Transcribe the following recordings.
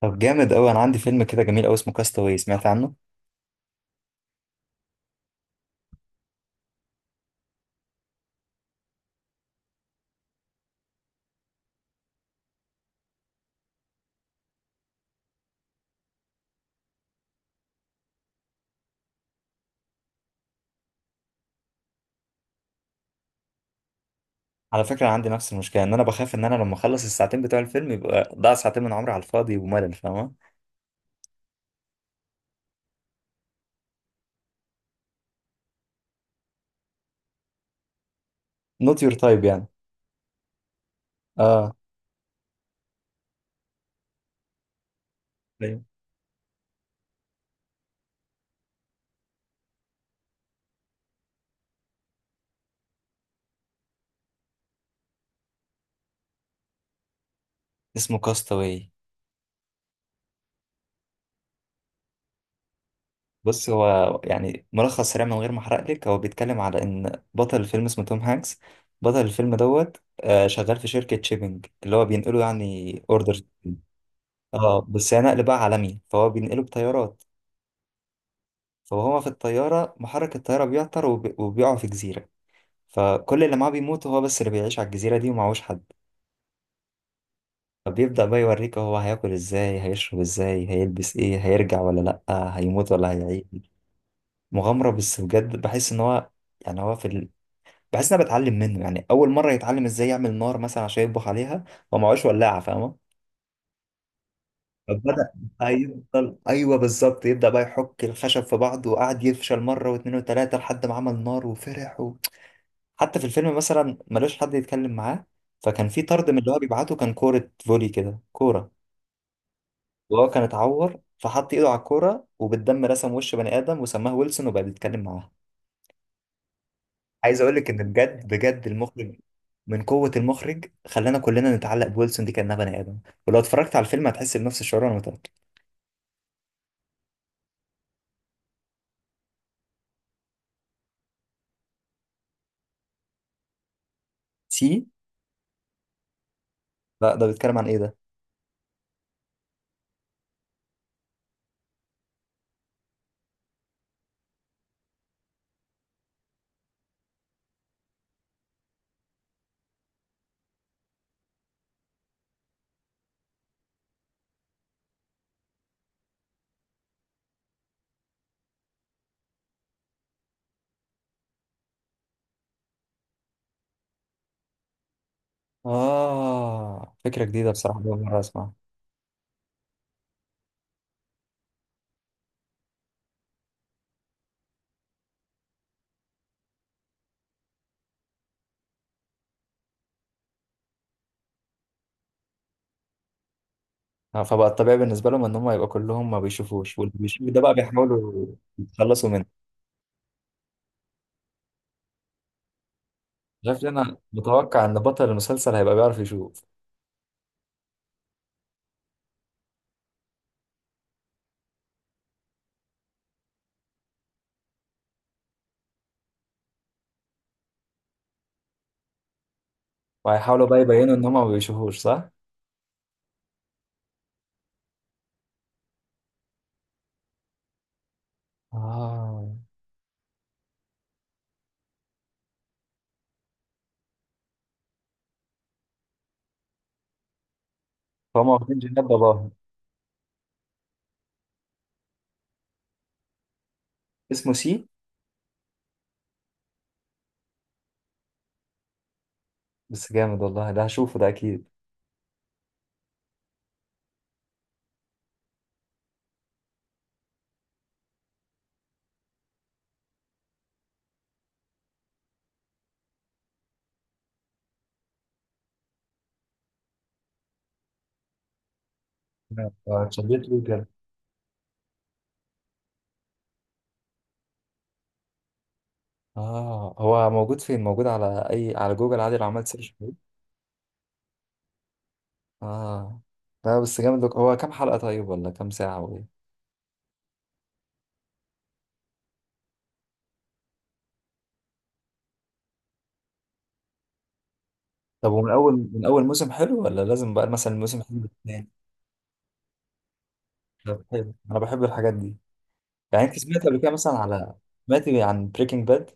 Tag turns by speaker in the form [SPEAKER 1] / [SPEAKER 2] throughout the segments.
[SPEAKER 1] طب جامد قوي، انا عندي فيلم كده جميل قوي اسمه كاستاوي. سمعت عنه؟ على فكره، عندي نفس المشكله، ان انا بخاف ان انا لما اخلص الساعتين بتوع الفيلم يبقى ضاع ساعتين من عمري على الفاضي وملل. فاهمه؟ نوت يور تايب يعني. اه. أيوة. اسمه كاستاوي. بص هو يعني ملخص سريع من غير ما احرق لك، هو بيتكلم على ان بطل الفيلم اسمه توم هانكس. بطل الفيلم دوت. شغال في شركه شيبنج اللي هو بينقله يعني اوردرز. اه بس هي نقل بقى عالمي، فهو بينقله بطيارات. فهو في الطياره محرك الطياره بيعطل وبيقع في جزيره. فكل اللي معاه بيموت، هو بس اللي بيعيش على الجزيرة دي ومعهوش حد. فبيبدأ بقى يوريك هو هياكل ازاي، هيشرب ازاي، هيلبس ايه، هيرجع ولا لأ، هيموت ولا هيعيد. مغامرة بس بجد بحس ان هو يعني هو في ال... بحس ان انا بتعلم منه. يعني اول مرة يتعلم ازاي يعمل نار مثلا عشان يطبخ عليها، هو معهوش ولاعة. فاهمة؟ فبدأ هيفضل ايوه بالظبط، يبدأ بقى يحك الخشب في بعض وقعد يفشل مرة واتنين وتلاتة لحد ما عمل نار وفرح. حتى في الفيلم مثلا ملوش حد يتكلم معاه، فكان في طرد من اللي هو بيبعته كان كورة فولي كده، كورة. وهو كان اتعور فحط ايده على الكورة وبالدم رسم وش بني آدم وسماه ويلسون وبقى بيتكلم معاه. عايز اقول لك ان بجد بجد المخرج، من قوة المخرج خلانا كلنا نتعلق بويلسون دي كأنها بني آدم. ولو اتفرجت على الفيلم هتحس بنفس الشعور، انا متأكد. سي؟ لا، ده بيتكلم عن ايه ده؟ اه فكرة جديدة بصراحة، أول مرة أسمعها. آه، فبقى الطبيعي بالنسبة لهم إن هم يبقى كلهم ما بيشوفوش، واللي بيشوف ده بقى بيحاولوا يتخلصوا منه. شايف ليه انا متوقع ان بطل المسلسل هيبقى بيعرف يشوف؟ وهيحاولوا بقى يبينوا ان هما ما بيشوفوش، صح؟ اه، فهم واخدين جناب باباهم. اسمه سي؟ بس جامد والله، ده هشوفه ده اكيد. آه، اتشددت ليه كده؟ اه هو موجود فين؟ موجود على اي، على جوجل عادي لو عملت سيرش فيه؟ اه. لا بس جامد لك. هو كام حلقة طيب، ولا كام ساعة، وايه؟ طب ومن اول موسم حلو ولا لازم بقى مثلا الموسم حلو التاني؟ طب حلو، انا بحب الحاجات دي. يعني انت سمعت قبل كده مثلا على، سمعت عن بريكنج باد؟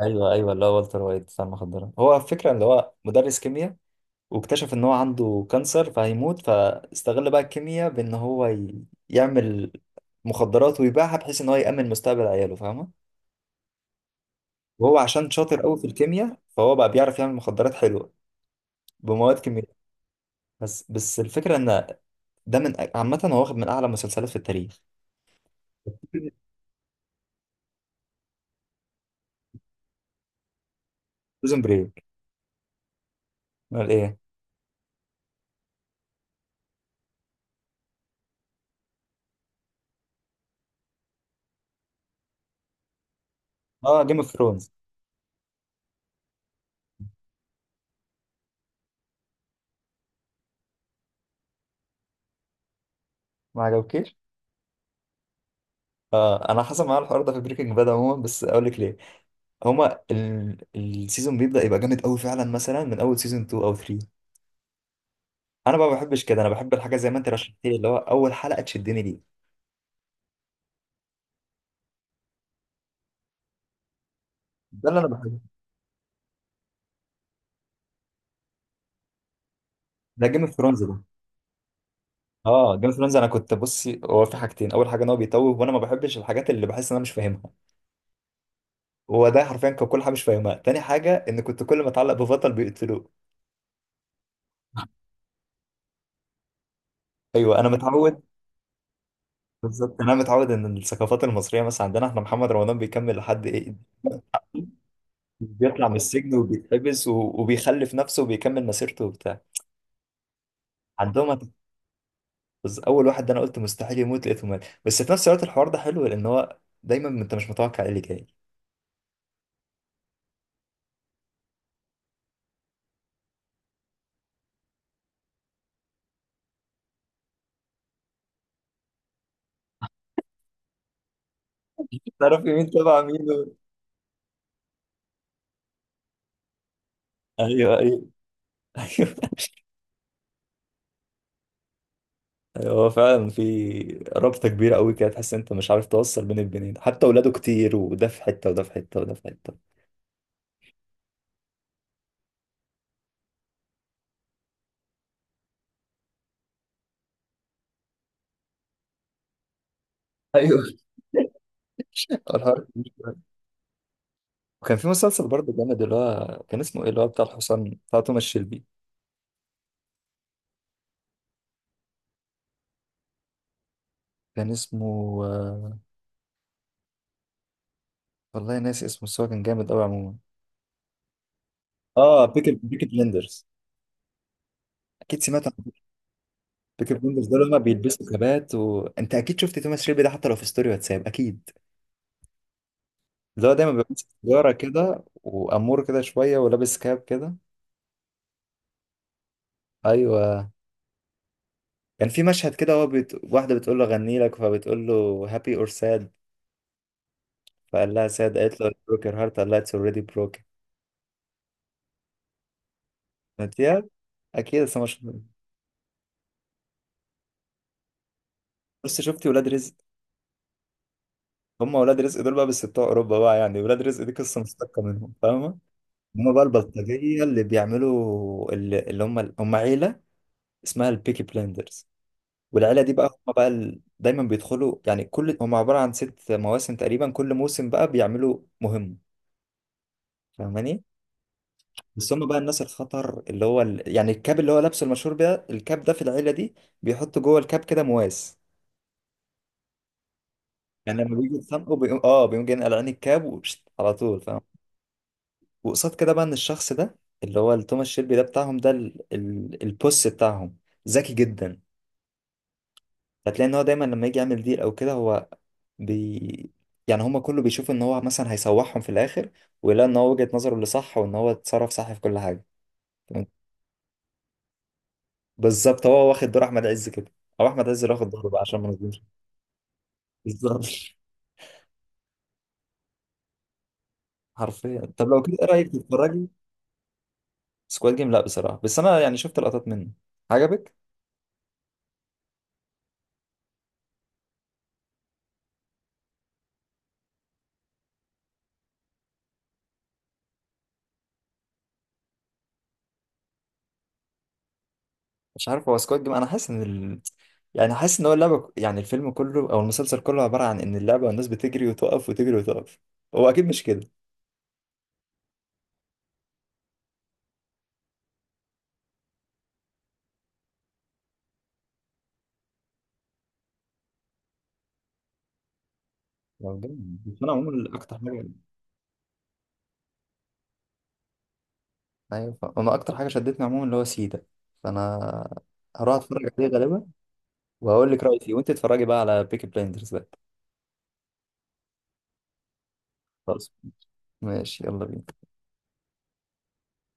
[SPEAKER 1] ايوه، اللي هو والتر وايت بتاع المخدرات. هو الفكره اللي هو مدرس كيمياء، واكتشف ان هو عنده كانسر فهيموت، فاستغل بقى الكيمياء بان هو يعمل مخدرات ويبيعها، بحيث ان هو يامن مستقبل عياله. فاهمه؟ وهو عشان شاطر قوي في الكيمياء فهو بقى بيعرف يعمل مخدرات حلوه بمواد كيميائيه. بس الفكره ان ده من عامه هو واخد من اعلى مسلسلات في التاريخ. بريزون بريك؟ امال ايه؟ اه جيم اوف ثرونز. ما عجبكيش؟ اه انا حصل معايا الحوار ده في بريكنج باد عموما، بس اقول لك ليه. هما ال... السيزون بيبدأ يبقى جامد قوي فعلا مثلا من اول سيزون 2 او 3. انا بقى ما بحبش كده، انا بحب الحاجه زي ما انت رشحت لي، اللي هو اول حلقه تشدني ليه. ده اللي انا بحبه. ده جيم اوف ثرونز ده؟ اه جيم اوف ثرونز، انا كنت بصي هو في حاجتين. اول حاجه ان هو بيتوه وانا ما بحبش الحاجات اللي بحس ان انا مش فاهمها، هو ده حرفيا كان كل حاجه مش فاهمها. تاني حاجه ان كنت كل ما اتعلق ببطل بيقتلوه. ايوه انا متعود. بالظبط، انا متعود ان الثقافات المصريه مثلا عندنا احنا محمد رمضان بيكمل لحد ايه، بيطلع من السجن وبيتحبس وبيخلف نفسه وبيكمل مسيرته وبتاع. عندهم هت-. بس اول واحد ده انا قلت مستحيل يموت لقيته مات. بس في نفس الوقت الحوار ده حلو لان هو دايما انت مش متوقع ايه اللي جاي. تعرف مين تبع مين ايوه ايوه ايوه. أيوة، هو فعلا في رابطه كبيره قوي كده تحس انت مش عارف توصل بين البنين، حتى اولاده كتير وده في حته وده في حته وده في حته. ايوه. الحوار كبير شوية. وكان في مسلسل برضه جامد، اللي هو كان اسمه ايه، اللي هو بتاع الحصان بتاع توماس شيلبي. كان اسمه آه، والله ناسي اسمه، بس هو كان جامد قوي عموما. اه بيكي بلندرز. اكيد سمعت. فكرة بالنسبة له هما بيلبسوا كبات، وانت اكيد شفت توماس شيلبي ده حتى لو في ستوري واتساب اكيد، اللي هو دايما بيبقى ماسك سيجارة كده وامور كده شوية ولابس كاب كده. ايوه. كان في مشهد كده هو واحدة بتقول له غني لك، فبتقول له هابي اور ساد، فقال لها ساد، قالت له بروك يور هارت، قال لها اتس اوريدي بروك. يا اكيد، بس مش. بس شفتي ولاد رزق؟ هم ولاد رزق دول بقى بس بتوع اوروبا بقى. يعني ولاد رزق دي قصة مشتقة منهم، فاهمة؟ هم بقى البلطجية اللي بيعملوا اللي هم هم عيلة اسمها البيكي بلندرز. والعيله دي بقى هم بقى ال- دايما بيدخلوا، يعني كل هم عباره عن ست مواسم تقريبا، كل موسم بقى بيعملوا مهمه. فاهماني؟ بس هم بقى الناس الخطر اللي هو ال... يعني الكاب اللي هو لابسه المشهور بيه الكاب ده في العيله دي بيحط جوه الكاب كده مواس. يعني لما بيجوا يتخانقوا بيقوم اه بيقوم جاي قلعان الكاب وشت على طول، فاهم؟ وقصاد كده بقى ان الشخص ده اللي هو توماس شيلبي ده بتاعهم ده ال... ال... البوس بتاعهم، ذكي جدا. هتلاقي ان هو دايما لما يجي يعمل ديل او كده هو بي، يعني هما كله بيشوف ان هو مثلا هيسوحهم في الاخر، ويلاقي ان هو وجهة نظره اللي صح وان هو اتصرف صح في كل حاجة. تمام؟ بالظبط، هو واخد دور احمد عز كده، او احمد عز اللي واخد دوره بقى عشان ما نظلمش. بالظبط. حرفيا. طب لو كده ايه رايك تتفرجي؟ سكواد جيم؟ لا بصراحة، بس انا يعني شفت لقطات منه. عجبك؟ مش عارف، هو سكواد جيم انا حاسس ان ال... يعني حاسس ان هو اللعبة، يعني الفيلم كله او المسلسل كله عبارة عن ان اللعبة والناس بتجري وتقف وتجري وتقف. هو اكيد مش كده. هو جامد. بس انا عموما اكتر حاجة، ايوه انا اكتر حاجه شدتني عموما اللي هو سيدا. فانا هروح اتفرج عليه غالبا وهقول لك رايي فيه، وانت اتفرجي بقى على بيكي بلايندرز بقى. خلاص، ماشي، يلا بينا.